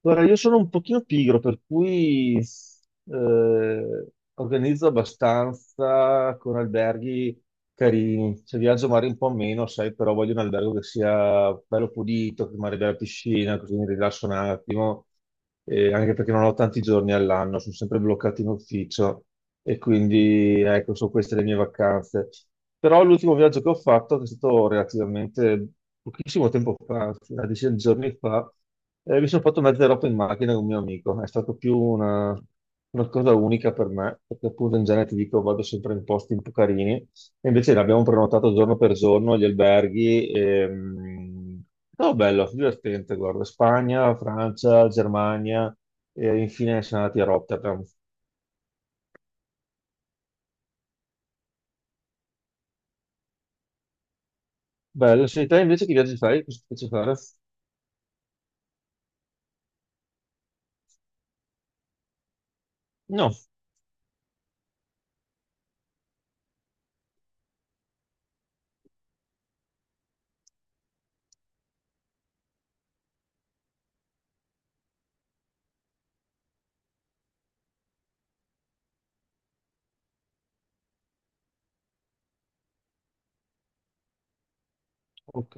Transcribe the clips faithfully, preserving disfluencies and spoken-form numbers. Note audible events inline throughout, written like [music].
Guarda, io sono un pochino pigro, per cui eh, organizzo abbastanza con alberghi carini. Se viaggio magari un po' meno, sai, però voglio un albergo che sia bello pulito, che magari abbia la piscina, così mi rilasso un attimo eh, anche perché non ho tanti giorni all'anno, sono sempre bloccato in ufficio e quindi ecco, sono queste le mie vacanze. Però l'ultimo viaggio che ho fatto, che è stato relativamente pochissimo tempo fa, una decina di giorni fa, eh, mi sono fatto mezza Europa in macchina con un mio amico. È stato più una, una cosa unica per me, perché appunto in genere ti dico vado sempre in posti un po' carini. Invece l'abbiamo prenotato giorno per giorno gli alberghi. E, mh, è stato bello, divertente, guarda. Spagna, Francia, Germania e infine siamo andati a Rotterdam. Bello, sei te invece che viaggi fai? Cosa ti piace fare? No, ok,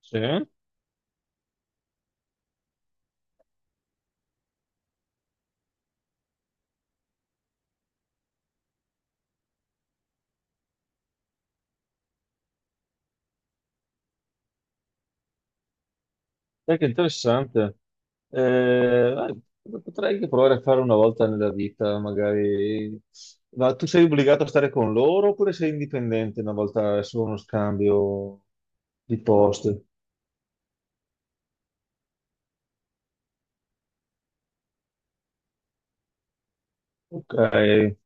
sì. Dai, che interessante. Eh, eh, potrei anche provare a fare una volta nella vita, magari. Ma tu sei obbligato a stare con loro oppure sei indipendente una volta solo uno scambio di posti? Ok, e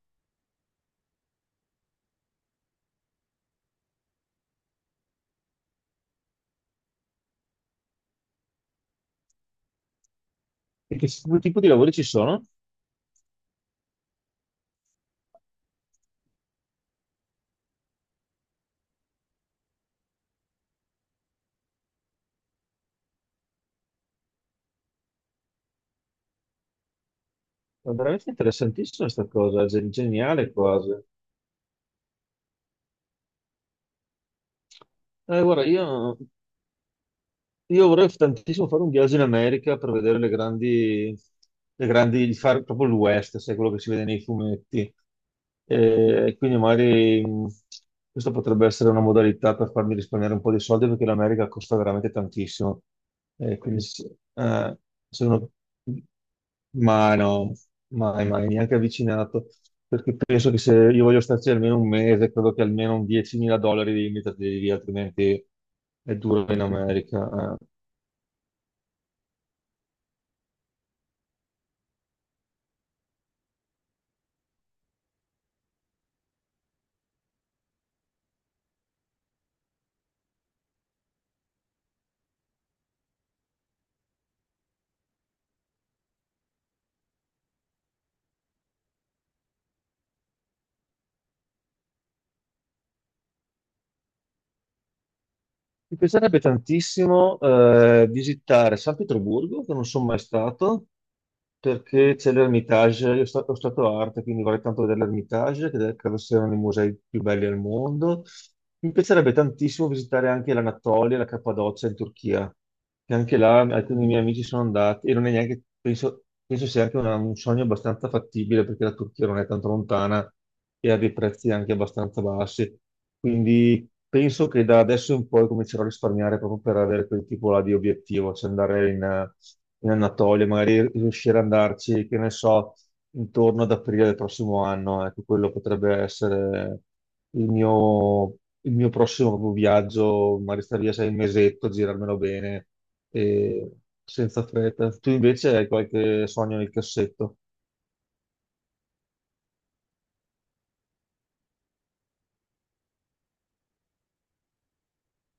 che s- tipo di lavori ci sono? È veramente interessantissima questa cosa, gen- geniale quasi. Eh, guarda, io, io vorrei tantissimo fare un viaggio in America per vedere le grandi, le grandi, fare proprio l'West, sai, quello che si vede nei fumetti. E quindi magari mh, questa potrebbe essere una modalità per farmi risparmiare un po' di soldi perché l'America costa veramente tantissimo. E quindi se eh, se uno. Ma no, mai, mai, neanche avvicinato. Perché penso che se io voglio starci almeno un mese, credo che almeno un diecimila dollari devi metterli lì, altrimenti è duro in America. eh. Mi piacerebbe tantissimo eh, visitare San Pietroburgo, che non sono mai stato, perché c'è l'Ermitage, io sta- ho stato arte, quindi vorrei tanto vedere l'Ermitage, che credo sia uno dei musei più belli al mondo. Mi piacerebbe tantissimo visitare anche l'Anatolia, la Cappadocia in Turchia. E anche là alcuni dei miei amici sono andati e non è neanche, penso, penso sia anche una- un sogno abbastanza fattibile perché la Turchia non è tanto lontana e ha dei prezzi anche abbastanza bassi. Quindi penso che da adesso in poi comincerò a risparmiare proprio per avere quel tipo là di obiettivo, cioè andare in, in Anatolia, magari riuscire ad andarci, che ne so, intorno ad aprile del prossimo anno. Ecco, quello potrebbe essere il mio, il mio prossimo viaggio, magari stare via sei mesetto, girarmelo bene e senza fretta. Tu invece hai qualche sogno nel cassetto.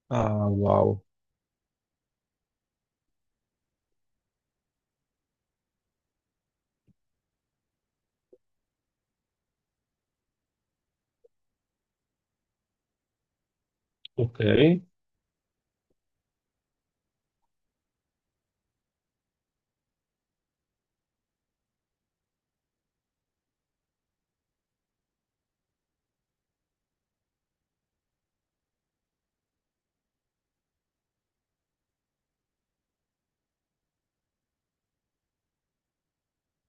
Ah, wow. Ok.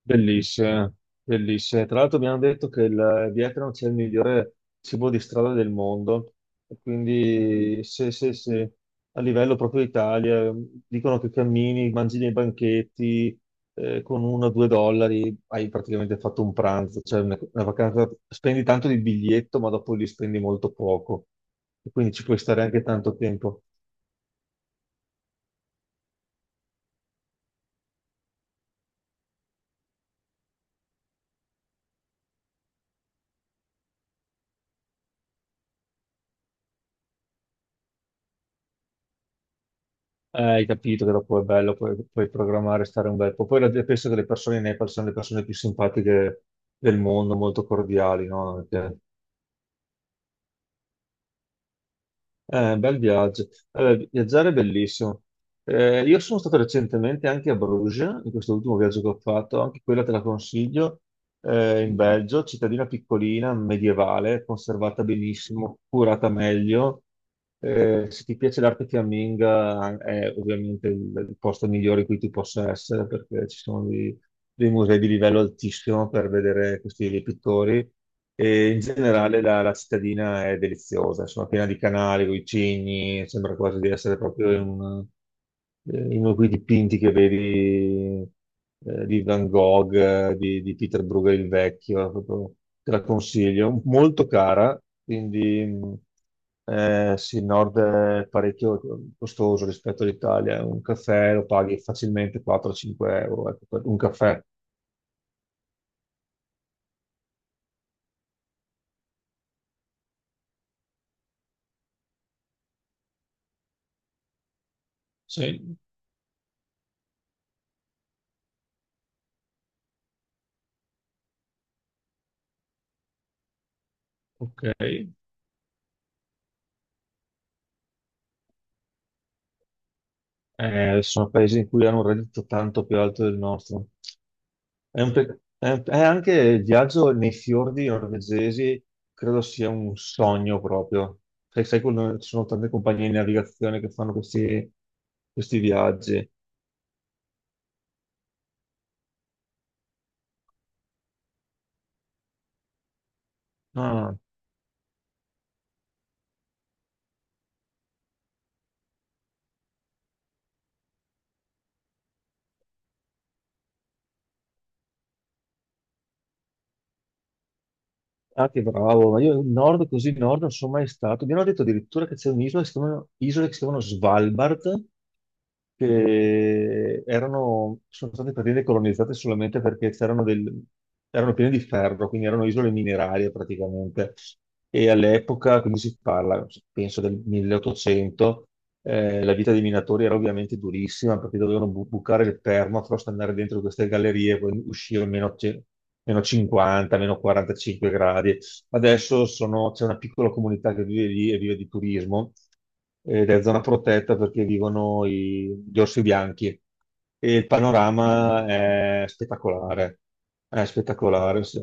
Bellissime, bellissime. Tra l'altro abbiamo detto che il Vietnam c'è il migliore cibo di strada del mondo, e quindi se, se- se a livello proprio Italia dicono che cammini, mangi nei banchetti eh, con uno o due dollari, hai praticamente fatto un pranzo, cioè una, una vacanza, spendi tanto di biglietto ma dopo li spendi molto poco, e quindi ci puoi stare anche tanto tempo. Eh, hai capito che dopo è bello, puoi, puoi programmare, stare un bel po'. Poi la- penso che le persone in Nepal siano le persone più simpatiche del mondo, molto cordiali, no? Che- Eh, bel viaggio. Allora, viaggiare è bellissimo. Eh, io sono stato recentemente anche a Bruges, in questo ultimo viaggio che ho fatto, anche quella te la consiglio, eh, in Belgio, cittadina piccolina, medievale, conservata benissimo, curata meglio. Eh, se ti piace l'arte fiamminga è ovviamente il, il posto migliore in cui tu possa essere, perché ci sono dei, dei musei di livello altissimo per vedere questi pittori. E in generale la, la cittadina è deliziosa, insomma, piena di canali, con i cigni, sembra quasi di essere proprio in, un- eh, in uno di quei dipinti che vedi eh, di Van Gogh, eh, di, di Peter Bruegel il vecchio, proprio te la consiglio. Molto cara, quindi mh, eh, sì, il nord è parecchio costoso rispetto all'Italia. Un caffè lo paghi facilmente quattro cinque euro, ecco, per un caffè. Sì, ok. Eh, sono paesi in cui hanno un reddito tanto più alto del nostro. È un pe- è un- È anche il viaggio nei fiordi norvegesi, credo sia un sogno proprio. Sai, sai quando ci sono tante compagnie di navigazione che fanno questi, questi viaggi. No, no, no. Ah, che bravo, ma io in nord così in nord non sono mai stato. Mi hanno detto addirittura che c'è un'isola che si chiamano, isole che si chiamano Svalbard, che erano, sono state praticamente colonizzate solamente perché c'erano del, erano piene di ferro, quindi erano isole minerarie praticamente. E all'epoca, quindi si parla, penso del milleottocento, eh, la vita dei minatori era ovviamente durissima perché dovevano bu- bucare il permafrost, andare dentro queste gallerie e poi uscire a meno, ce- meno cinquanta, meno quarantacinque gradi. Adesso sono- c'è una piccola comunità che vive lì e vive di turismo ed è zona protetta perché vivono i- gli orsi bianchi e il panorama è spettacolare. È spettacolare, sì.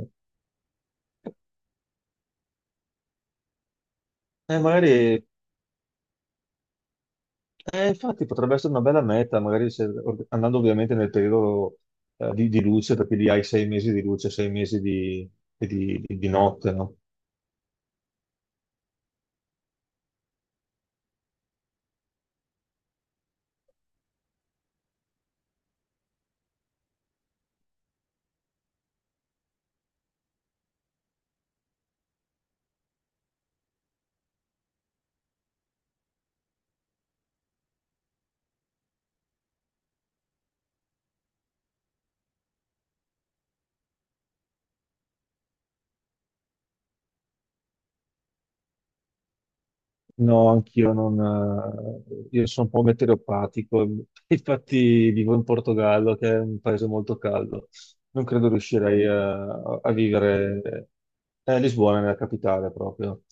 Eh, magari. Eh, infatti potrebbe essere una bella meta, magari se- or- andando ovviamente nel periodo eh, di, di luce, perché lì hai sei mesi di luce, sei mesi di, di- di- di notte, no? No, anch'io non. Eh, io sono un po' meteoropatico, [laughs] infatti vivo in Portogallo, che è un paese molto caldo. Non credo riuscirei a, a vivere eh, a Lisbona, nella capitale proprio.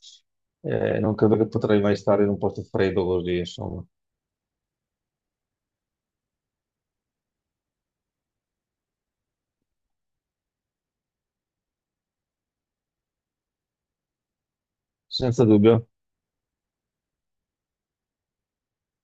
Eh, non credo che potrei mai stare in un posto freddo così, insomma, senza dubbio.